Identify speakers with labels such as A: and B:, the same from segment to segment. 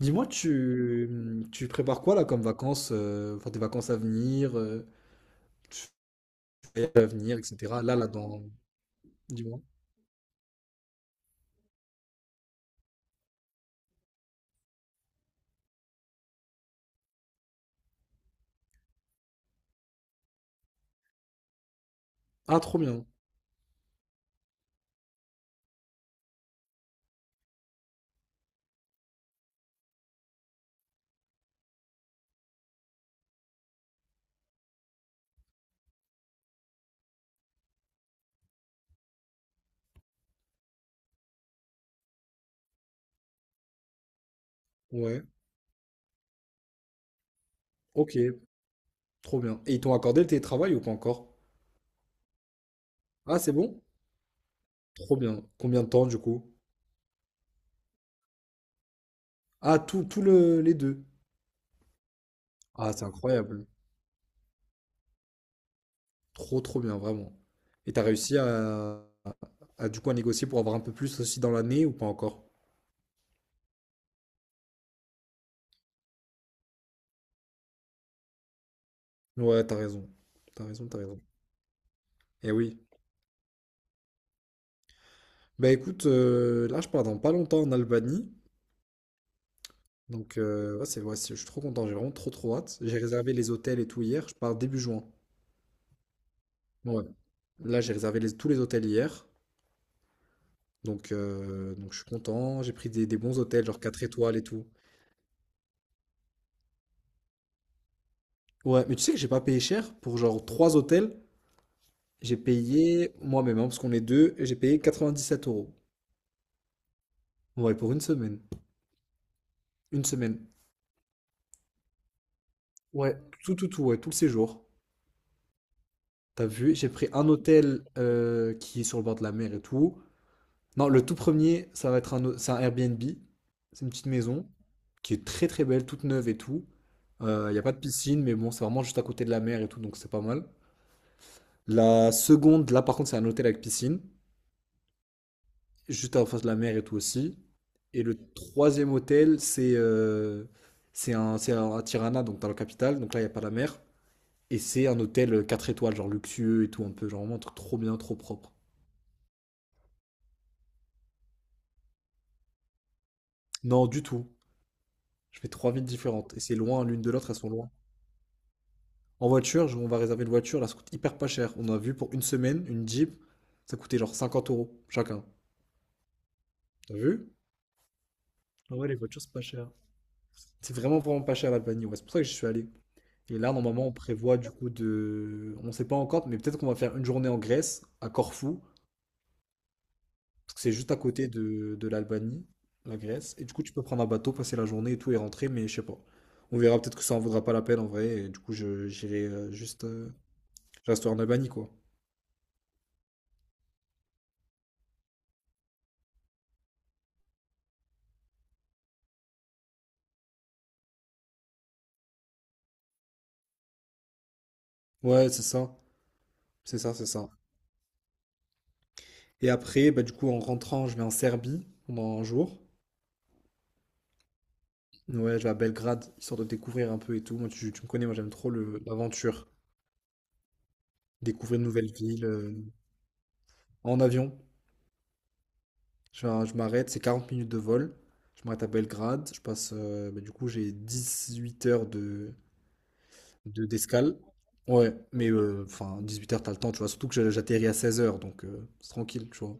A: Dis-moi, tu prépares quoi là comme vacances, enfin tes vacances à venir, tu fais à venir, etc. Là, dis-moi. Ah, trop bien. Ouais, ok, trop bien. Et ils t'ont accordé le télétravail ou pas encore? Ah, c'est bon? Trop bien. Combien de temps du coup? Ah, tout, tout les deux. Ah, c'est incroyable. Trop, trop bien, vraiment. Et t'as réussi à, du coup à négocier pour avoir un peu plus aussi dans l'année ou pas encore? Ouais, t'as raison. T'as raison, t'as raison. Eh oui. Bah écoute, là je pars dans pas longtemps en Albanie. Donc ouais, ouais, je suis trop content, j'ai vraiment trop trop hâte. J'ai réservé les hôtels et tout hier, je pars début juin. Bon, ouais. Là j'ai réservé tous les hôtels hier. Donc je suis content, j'ai pris des bons hôtels, genre 4 étoiles et tout. Ouais, mais tu sais que j'ai pas payé cher pour genre 3 hôtels. J'ai payé moi-même, hein, parce qu'on est deux, et j'ai payé 97 euros. Ouais, pour une semaine. Une semaine. Ouais, tout, tout, tout, ouais, tout le séjour. T'as vu, j'ai pris un hôtel qui est sur le bord de la mer et tout. Non, le tout premier, ça va être c'est un Airbnb. C'est une petite maison qui est très très belle, toute neuve et tout. Il n'y a pas de piscine, mais bon, c'est vraiment juste à côté de la mer et tout, donc c'est pas mal. La seconde, là par contre, c'est un hôtel avec piscine, juste en face de la mer et tout aussi. Et le troisième hôtel, c'est à Tirana, donc dans la capitale, donc là, il n'y a pas la mer. Et c'est un hôtel 4 étoiles, genre luxueux et tout, un peu, genre vraiment un truc trop bien, trop propre. Non, du tout. Je fais trois villes différentes, et c'est loin l'une de l'autre, elles sont loin. En voiture, on va réserver une voiture, là ça coûte hyper pas cher. On a vu pour une semaine, une Jeep, ça coûtait genre 50 € chacun. T'as vu? Ah ouais, les voitures, c'est pas cher. C'est vraiment, vraiment pas cher l'Albanie, ouais. C'est pour ça que j'y suis allé. Et là, normalement, on prévoit du coup de. On sait pas encore, mais peut-être qu'on va faire une journée en Grèce, à Corfou, parce que c'est juste à côté de l'Albanie, la Grèce. Et du coup, tu peux prendre un bateau, passer la journée et tout et rentrer, mais je sais pas. On verra peut-être que ça en vaudra pas la peine en vrai. Et du coup, je j'irai juste. Je resterai en Albanie, quoi. Ouais, c'est ça. C'est ça, c'est ça. Et après, bah, du coup, en rentrant, je vais en Serbie pendant un jour. Ouais, je vais à Belgrade, histoire de découvrir un peu et tout. Moi, tu me connais, moi, j'aime trop l'aventure. Découvrir une nouvelle ville en avion. Je m'arrête, c'est 40 minutes de vol. Je m'arrête à Belgrade. Je passe, bah, du coup, j'ai 18 h d'escale. Ouais, mais enfin, 8 heures, t'as le temps, tu vois. Surtout que j'atterris à 16 h, donc c'est tranquille, tu vois.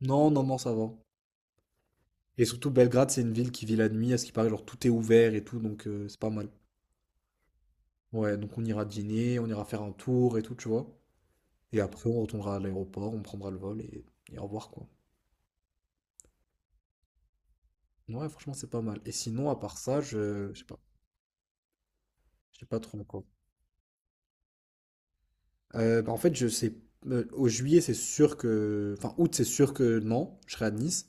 A: Non, non, non, ça va. Et surtout, Belgrade, c'est une ville qui vit la nuit, à ce qui paraît, genre tout est ouvert et tout, donc c'est pas mal. Ouais, donc on ira dîner, on ira faire un tour et tout, tu vois. Et après, on retournera à l'aéroport, on prendra le vol et au revoir, quoi. Ouais, franchement, c'est pas mal. Et sinon, à part ça, je sais pas, je sais pas trop encore. Bah, en fait, je sais, au juillet, c'est sûr que, enfin, août, c'est sûr que non, je serai à Nice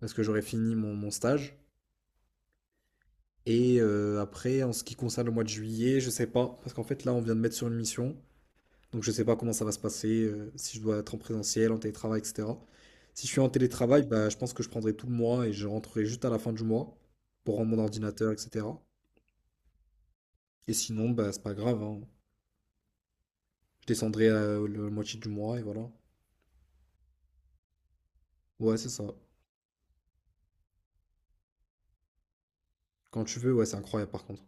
A: parce que j'aurai fini mon stage. Et après, en ce qui concerne le mois de juillet, je sais pas, parce qu'en fait, là, on vient de mettre sur une mission. Donc je sais pas comment ça va se passer, si je dois être en présentiel, en télétravail, etc. Si je suis en télétravail, bah, je pense que je prendrai tout le mois et je rentrerai juste à la fin du mois pour rendre mon ordinateur, etc. Et sinon, bah, c'est pas grave, hein. Je descendrai la moitié du mois et voilà. Ouais, c'est ça. Quand tu veux, ouais, c'est incroyable par contre.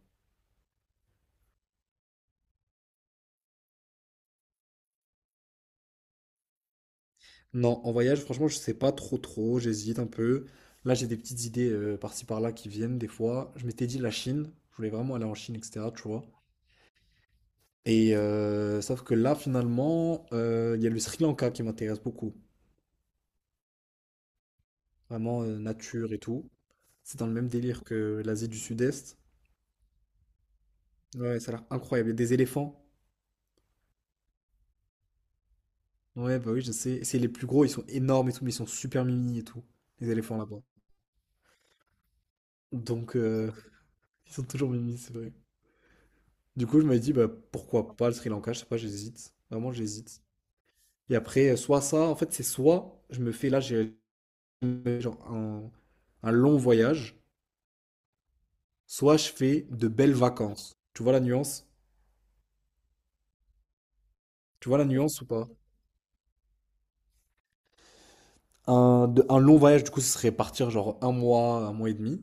A: Non, en voyage, franchement, je sais pas trop trop, j'hésite un peu. Là, j'ai des petites idées par-ci par-là qui viennent des fois. Je m'étais dit la Chine, je voulais vraiment aller en Chine, etc. Tu vois. Et sauf que là, finalement, il y a le Sri Lanka qui m'intéresse beaucoup. Vraiment, nature et tout. C'est dans le même délire que l'Asie du Sud-Est. Ouais, ça a l'air incroyable. Il y a des éléphants. Ouais, bah oui, je sais. Et c'est les plus gros, ils sont énormes et tout, mais ils sont super mimi et tout. Les éléphants là-bas. Donc, ils sont toujours mimi, c'est vrai. Du coup, je me dit bah, pourquoi pas le Sri Lanka? Je sais pas, j'hésite. Vraiment, j'hésite. Et après, soit ça, en fait, c'est soit je me fais là, j'ai genre un long voyage soit je fais de belles vacances. Tu vois la nuance? Tu vois la nuance ou pas? Un long voyage, du coup, ce serait partir genre un mois et demi.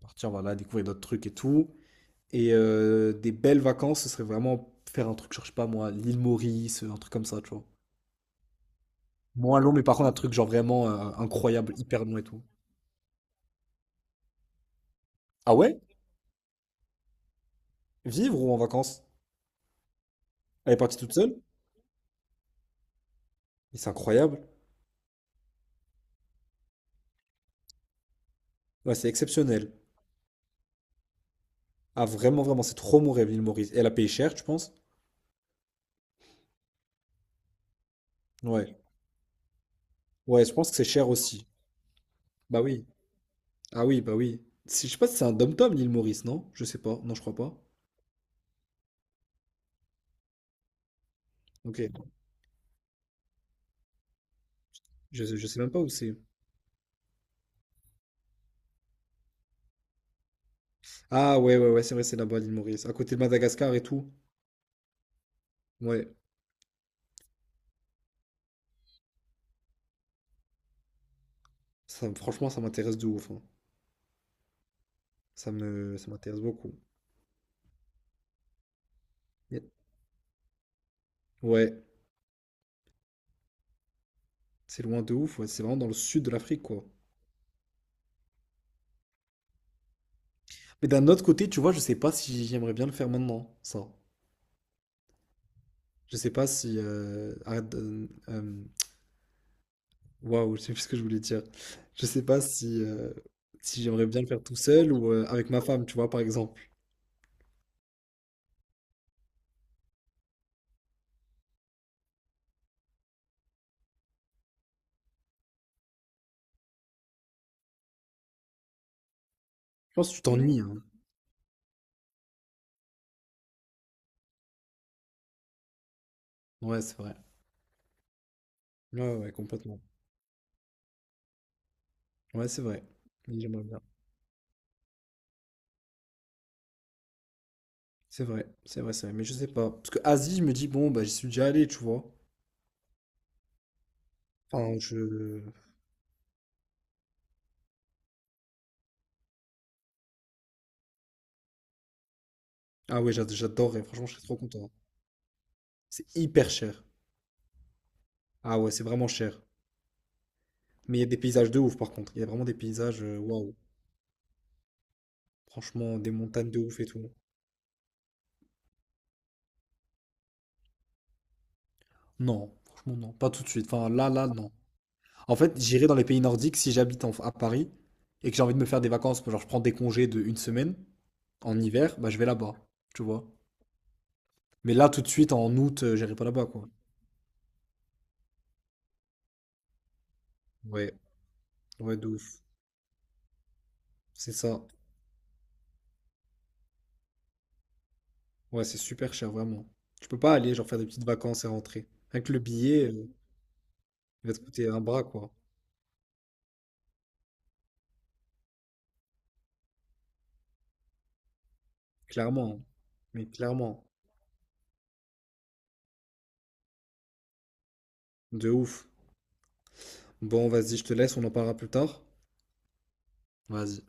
A: Partir, voilà, découvrir d'autres trucs et tout. Et des belles vacances, ce serait vraiment faire un truc, genre, je sais pas moi, l'île Maurice, un truc comme ça, tu vois. Moins long, mais par contre, un truc genre vraiment incroyable, hyper long et tout. Ah ouais? Vivre ou en vacances? Elle est partie toute seule? Mais c'est incroyable. Ouais, c'est exceptionnel. Ah, vraiment, vraiment, c'est trop mon rêve, l'île Maurice. Et elle a payé cher, tu penses? Ouais. Ouais, je pense que c'est cher aussi. Bah oui. Ah oui, bah oui. Je sais pas si c'est un dom-tom, l'île Maurice, non? Je sais pas. Non, je crois pas. Ok. Je sais même pas où c'est. Ah ouais, ouais, ouais, c'est vrai, c'est là-bas, l'île Maurice. À côté de Madagascar et tout. Ouais. Franchement, ça m'intéresse de ouf, hein. Ça m'intéresse beaucoup. Yeah. Ouais. C'est loin de ouf. Ouais, c'est vraiment dans le sud de l'Afrique, quoi. Mais d'un autre côté, tu vois, je sais pas si j'aimerais bien le faire maintenant, ça. Je sais pas si... arrête, waouh, je sais plus ce que je voulais dire. Je sais pas si j'aimerais bien le faire tout seul ou avec ma femme, tu vois, par exemple. Je pense que tu t'ennuies, hein. Ouais, c'est vrai. Ouais, ouais, complètement. Ouais, c'est vrai. Oui, j'aimerais bien. C'est vrai, c'est vrai, c'est vrai. Mais je sais pas. Parce que Asie, je me dis, bon, bah, j'y suis déjà allé, tu vois. Enfin, je... Ah ouais, j'adorerais. Franchement, je serais trop content, hein. C'est hyper cher. Ah ouais, c'est vraiment cher. Mais il y a des paysages de ouf, par contre. Il y a vraiment des paysages, waouh. Franchement, des montagnes de ouf et tout. Non, franchement, non. Pas tout de suite. Enfin, là, là, non. En fait, j'irai dans les pays nordiques si j'habite à Paris et que j'ai envie de me faire des vacances. Genre, je prends des congés de une semaine en hiver, bah, je vais là-bas, tu vois. Mais là, tout de suite, en août, j'irai pas là-bas, quoi. Ouais, ouais, de ouf. C'est ça. Ouais, c'est super cher, vraiment. Tu peux pas aller, genre, faire des petites vacances et rentrer. Avec le billet, il va te coûter un bras, quoi. Clairement, hein. Mais clairement. De ouf. Bon, vas-y, je te laisse, on en parlera plus tard. Vas-y.